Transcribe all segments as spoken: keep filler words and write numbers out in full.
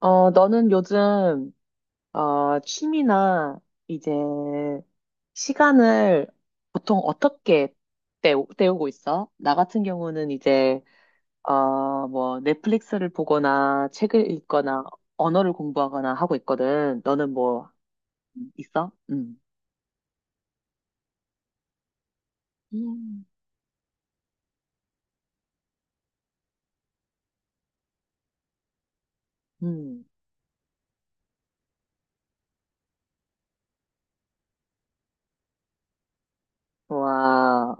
어, 너는 요즘, 어, 취미나 이제 시간을 보통 어떻게 때우, 때우고 있어? 나 같은 경우는 이제, 어, 뭐, 넷플릭스를 보거나 책을 읽거나 언어를 공부하거나 하고 있거든. 너는 뭐, 있어? 응. 음. 음. 와.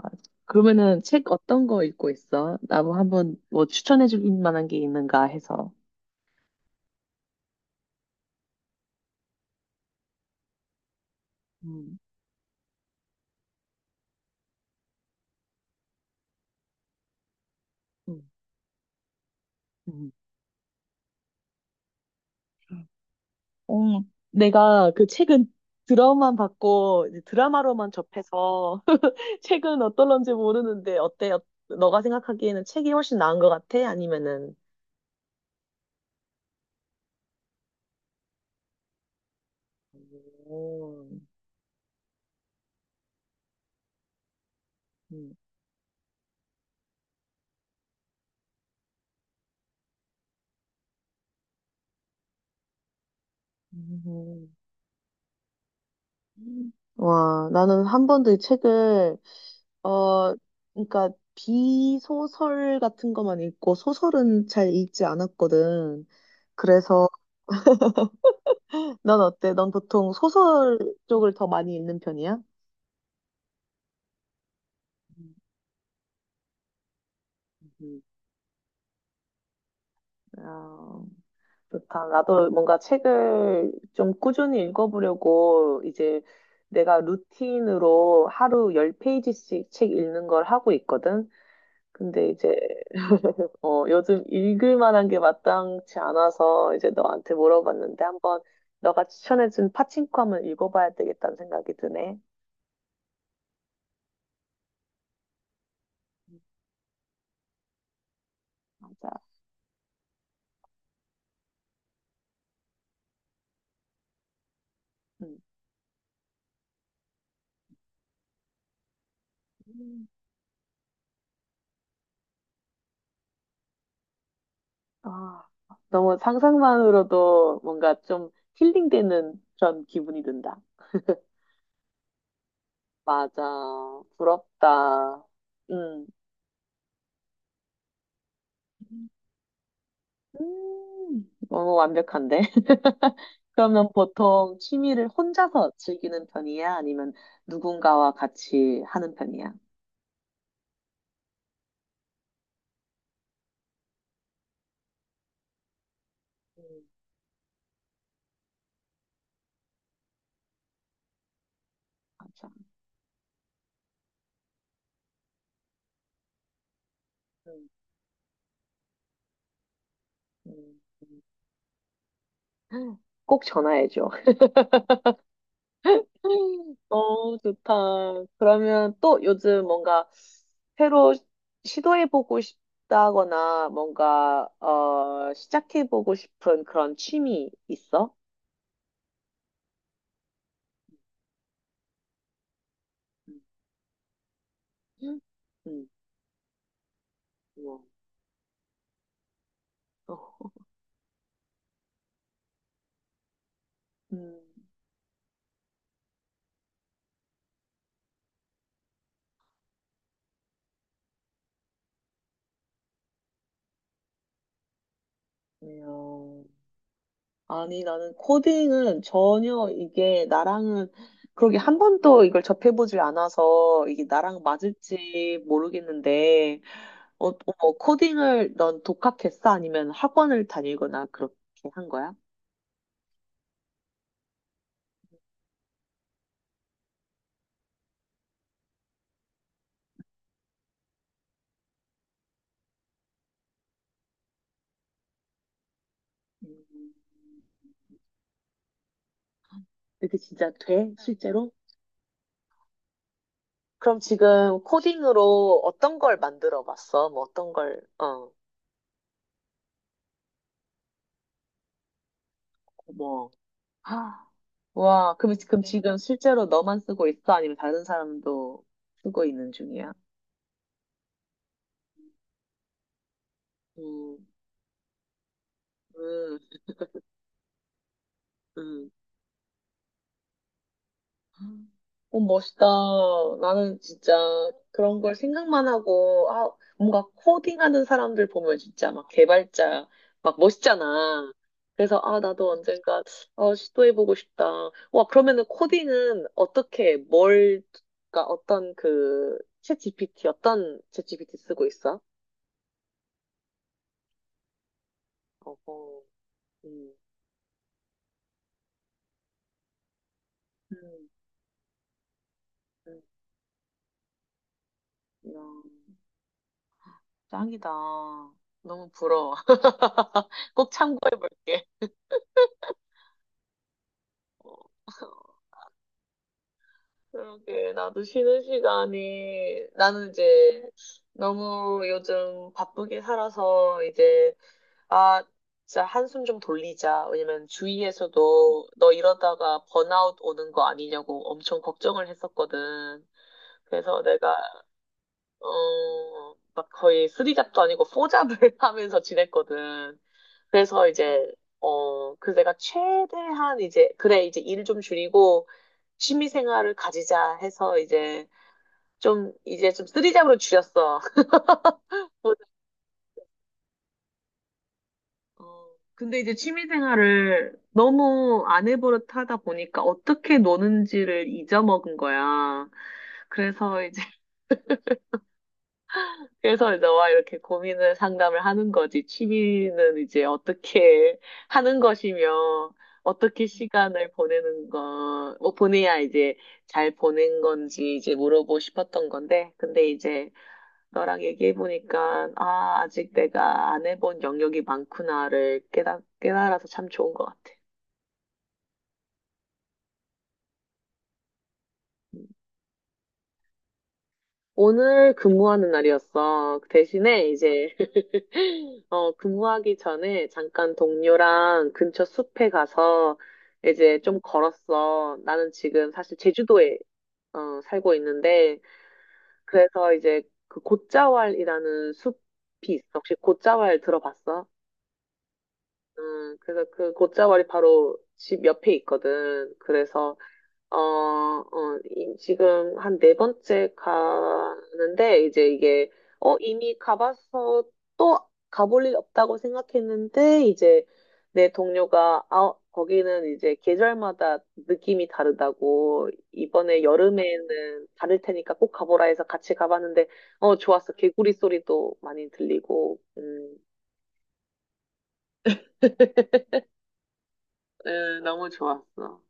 그러면은 책 어떤 거 읽고 있어? 나도 한번 뭐 추천해 줄 만한 게 있는가 해서. 음. 음. 음. 어, 내가 그 책은 드라마만 봤고 이제 드라마로만 접해서 책은 어떨런지 모르는데 어때? 어- 너가 생각하기에는 책이 훨씬 나은 것 같아? 아니면은 오, 음, 음. 와, 나는 한 번도 이 책을 어, 그러니까 비소설 같은 것만 읽고 소설은 잘 읽지 않았거든. 그래서 넌 어때? 넌 보통 소설 쪽을 더 많이 읽는 편이야? 음. 아, 좋다. 나도 뭔가 책을 좀 꾸준히 읽어보려고 이제 내가 루틴으로 하루 열 페이지씩 책 읽는 걸 하고 있거든. 근데 이제 어, 요즘 읽을 만한 게 마땅치 않아서 이제 너한테 물어봤는데 한번 너가 추천해준 파친코 한번 읽어봐야 되겠다는 생각이 드네. 맞아. 음. 음. 아, 너무 상상만으로도 뭔가 좀 힐링되는 그런 기분이 든다. 맞아. 부럽다. 음. 음, 너무 완벽한데? 그러면 보통 취미를 혼자서 즐기는 편이야? 아니면 누군가와 같이 하는 편이야? 음, 맞아. 음, 음, 음. 꼭 전화해줘. 너무 좋다. 그러면 또 요즘 뭔가 새로 시도해보고 싶다거나 뭔가 어, 시작해보고 싶은 그런 취미 있어? 음, 우와. 음, 이야. 아니, 나는 코딩은 전혀 이게 나랑은 그러게 한 번도 이걸 접해보질 않아서 이게 나랑 맞을지 모르겠는데, 어, 어, 코딩을 넌 독학했어? 아니면 학원을 다니거나 그렇게 한 거야? 음, 그게 진짜 돼? 실제로? 그럼 지금 코딩으로 어떤 걸 만들어 봤어? 뭐 어떤 걸, 어, 뭐 아, 와, 그럼, 그럼 네. 지금 실제로 너만 쓰고 있어? 아니면 다른 사람도 쓰고 있는 중이야? 음, 음, 음. 어, 멋있다. 나는 진짜 그런 걸 생각만 하고, 아, 뭔가 코딩하는 사람들 보면 진짜 막 개발자, 막 멋있잖아. 그래서, 아, 나도 언젠가, 어, 시도해보고 싶다. 와, 그러면은 코딩은 어떻게, 뭘, 그러니까 어떤 그, 챗 지피티, 어떤 챗 지피티 쓰고 있어? 어 음, 음, 음. 이야, 짱이다. 너무 부러워. 꼭 참고해볼게. 어, 그러게, 나도 쉬는 시간이, 나는 이제 너무 요즘 바쁘게 살아서 이제, 아, 진짜 한숨 좀 돌리자. 왜냐면 주위에서도 너 이러다가 번아웃 오는 거 아니냐고 엄청 걱정을 했었거든. 그래서 내가 어, 막 거의 쓰리잡도 아니고 포잡을 하면서 지냈거든. 그래서 이제, 어, 그 내가 최대한 이제, 그래, 이제 일 좀 줄이고 취미 생활을 가지자 해서 이제 좀, 이제 좀 쓰리잡으로 줄였어. 어, 근데 이제 취미 생활을 너무 안 해버릇 하다 보니까 어떻게 노는지를 잊어먹은 거야. 그래서 이제 그래서 너와 이렇게 고민을 상담을 하는 거지. 취미는 이제 어떻게 하는 것이며, 어떻게 시간을 보내는 거, 뭐 보내야 이제 잘 보낸 건지 이제 물어보고 싶었던 건데, 근데 이제 너랑 얘기해보니까, 아, 아직 내가 안 해본 영역이 많구나를 깨달, 깨달아서 참 좋은 것 같아. 오늘 근무하는 날이었어. 그 대신에 이제 어, 근무하기 전에 잠깐 동료랑 근처 숲에 가서 이제 좀 걸었어. 나는 지금 사실 제주도에 어, 살고 있는데 그래서 이제 그 곶자왈이라는 숲이 있어. 혹시 곶자왈 들어봤어? 음, 그래서 그 곶자왈이 바로 집 옆에 있거든. 그래서 어, 어, 이- 지금 한 네 번째 가는데, 이제 이게, 어, 이미 가봐서 또 가볼 일 없다고 생각했는데, 이제 내 동료가, 아, 거기는 이제 계절마다 느낌이 다르다고, 이번에 여름에는 다를 테니까 꼭 가보라 해서 같이 가봤는데, 어, 좋았어. 개구리 소리도 많이 들리고, 음, 에, 너무 좋았어.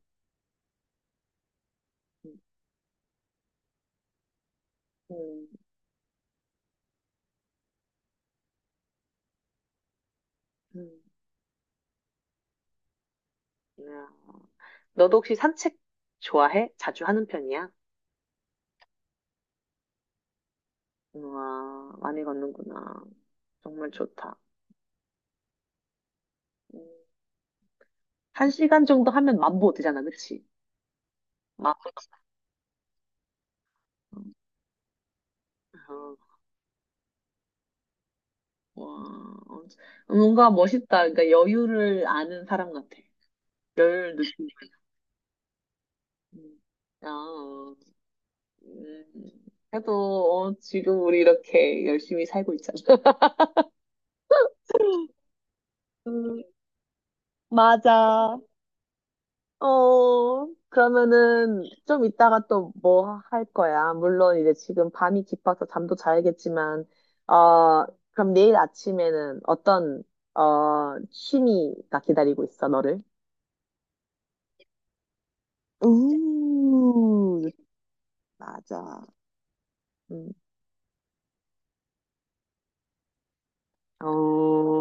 음, 음. 야. 너도 혹시 산책 좋아해? 자주 하는 편이야? 우와, 많이 걷는구나. 정말 좋다. 음, 한 시간 정도 하면 만보 되잖아, 그치? 만보. 어, 와, 뭔가 멋있다. 그러니까 여유를 아는 사람 같아. 여유를 느끼. 음. 아, 음. 그래도 어, 지금 우리 이렇게 열심히 살고 있잖아. 음, 맞아. 어, 그러면은 좀 이따가 또 뭐 할 거야? 물론 이제 지금 밤이 깊어서 잠도 자야겠지만, 어, 그럼 내일 아침에는 어떤, 어, 취미가 기다리고 있어, 너를? 우, 맞아. 음, 어,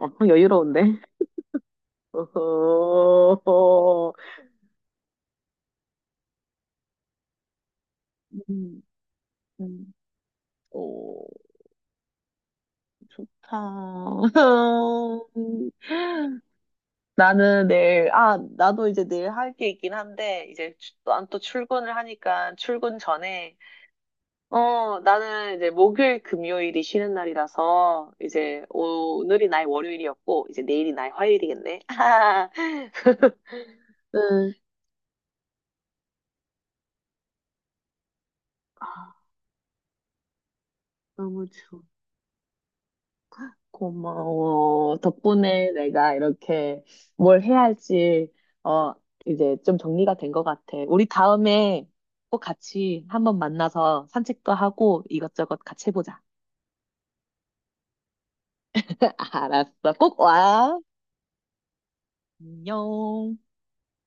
엄청 여유로운데? 어, 음, 음, 오, 좋다. 나는 내일, 아, 나도 이제 내일 할 게 있긴 한데, 이제 난 또 출근을 하니까 출근 전에, 어, 나는 이제 목요일, 금요일이 쉬는 날이라서, 이제 오늘이 나의 월요일이었고, 이제 내일이 나의 화요일이겠네. 응. 아, 너무 좋- 고마워. 덕분에 내가 이렇게 뭘 해야 할지, 어, 이제 좀 정리가 된 것 같아. 우리 다음에 꼭 같이 한번 만나서 산책도 하고 이것저것 같이 해보자. 알았어. 꼭 와. 안녕.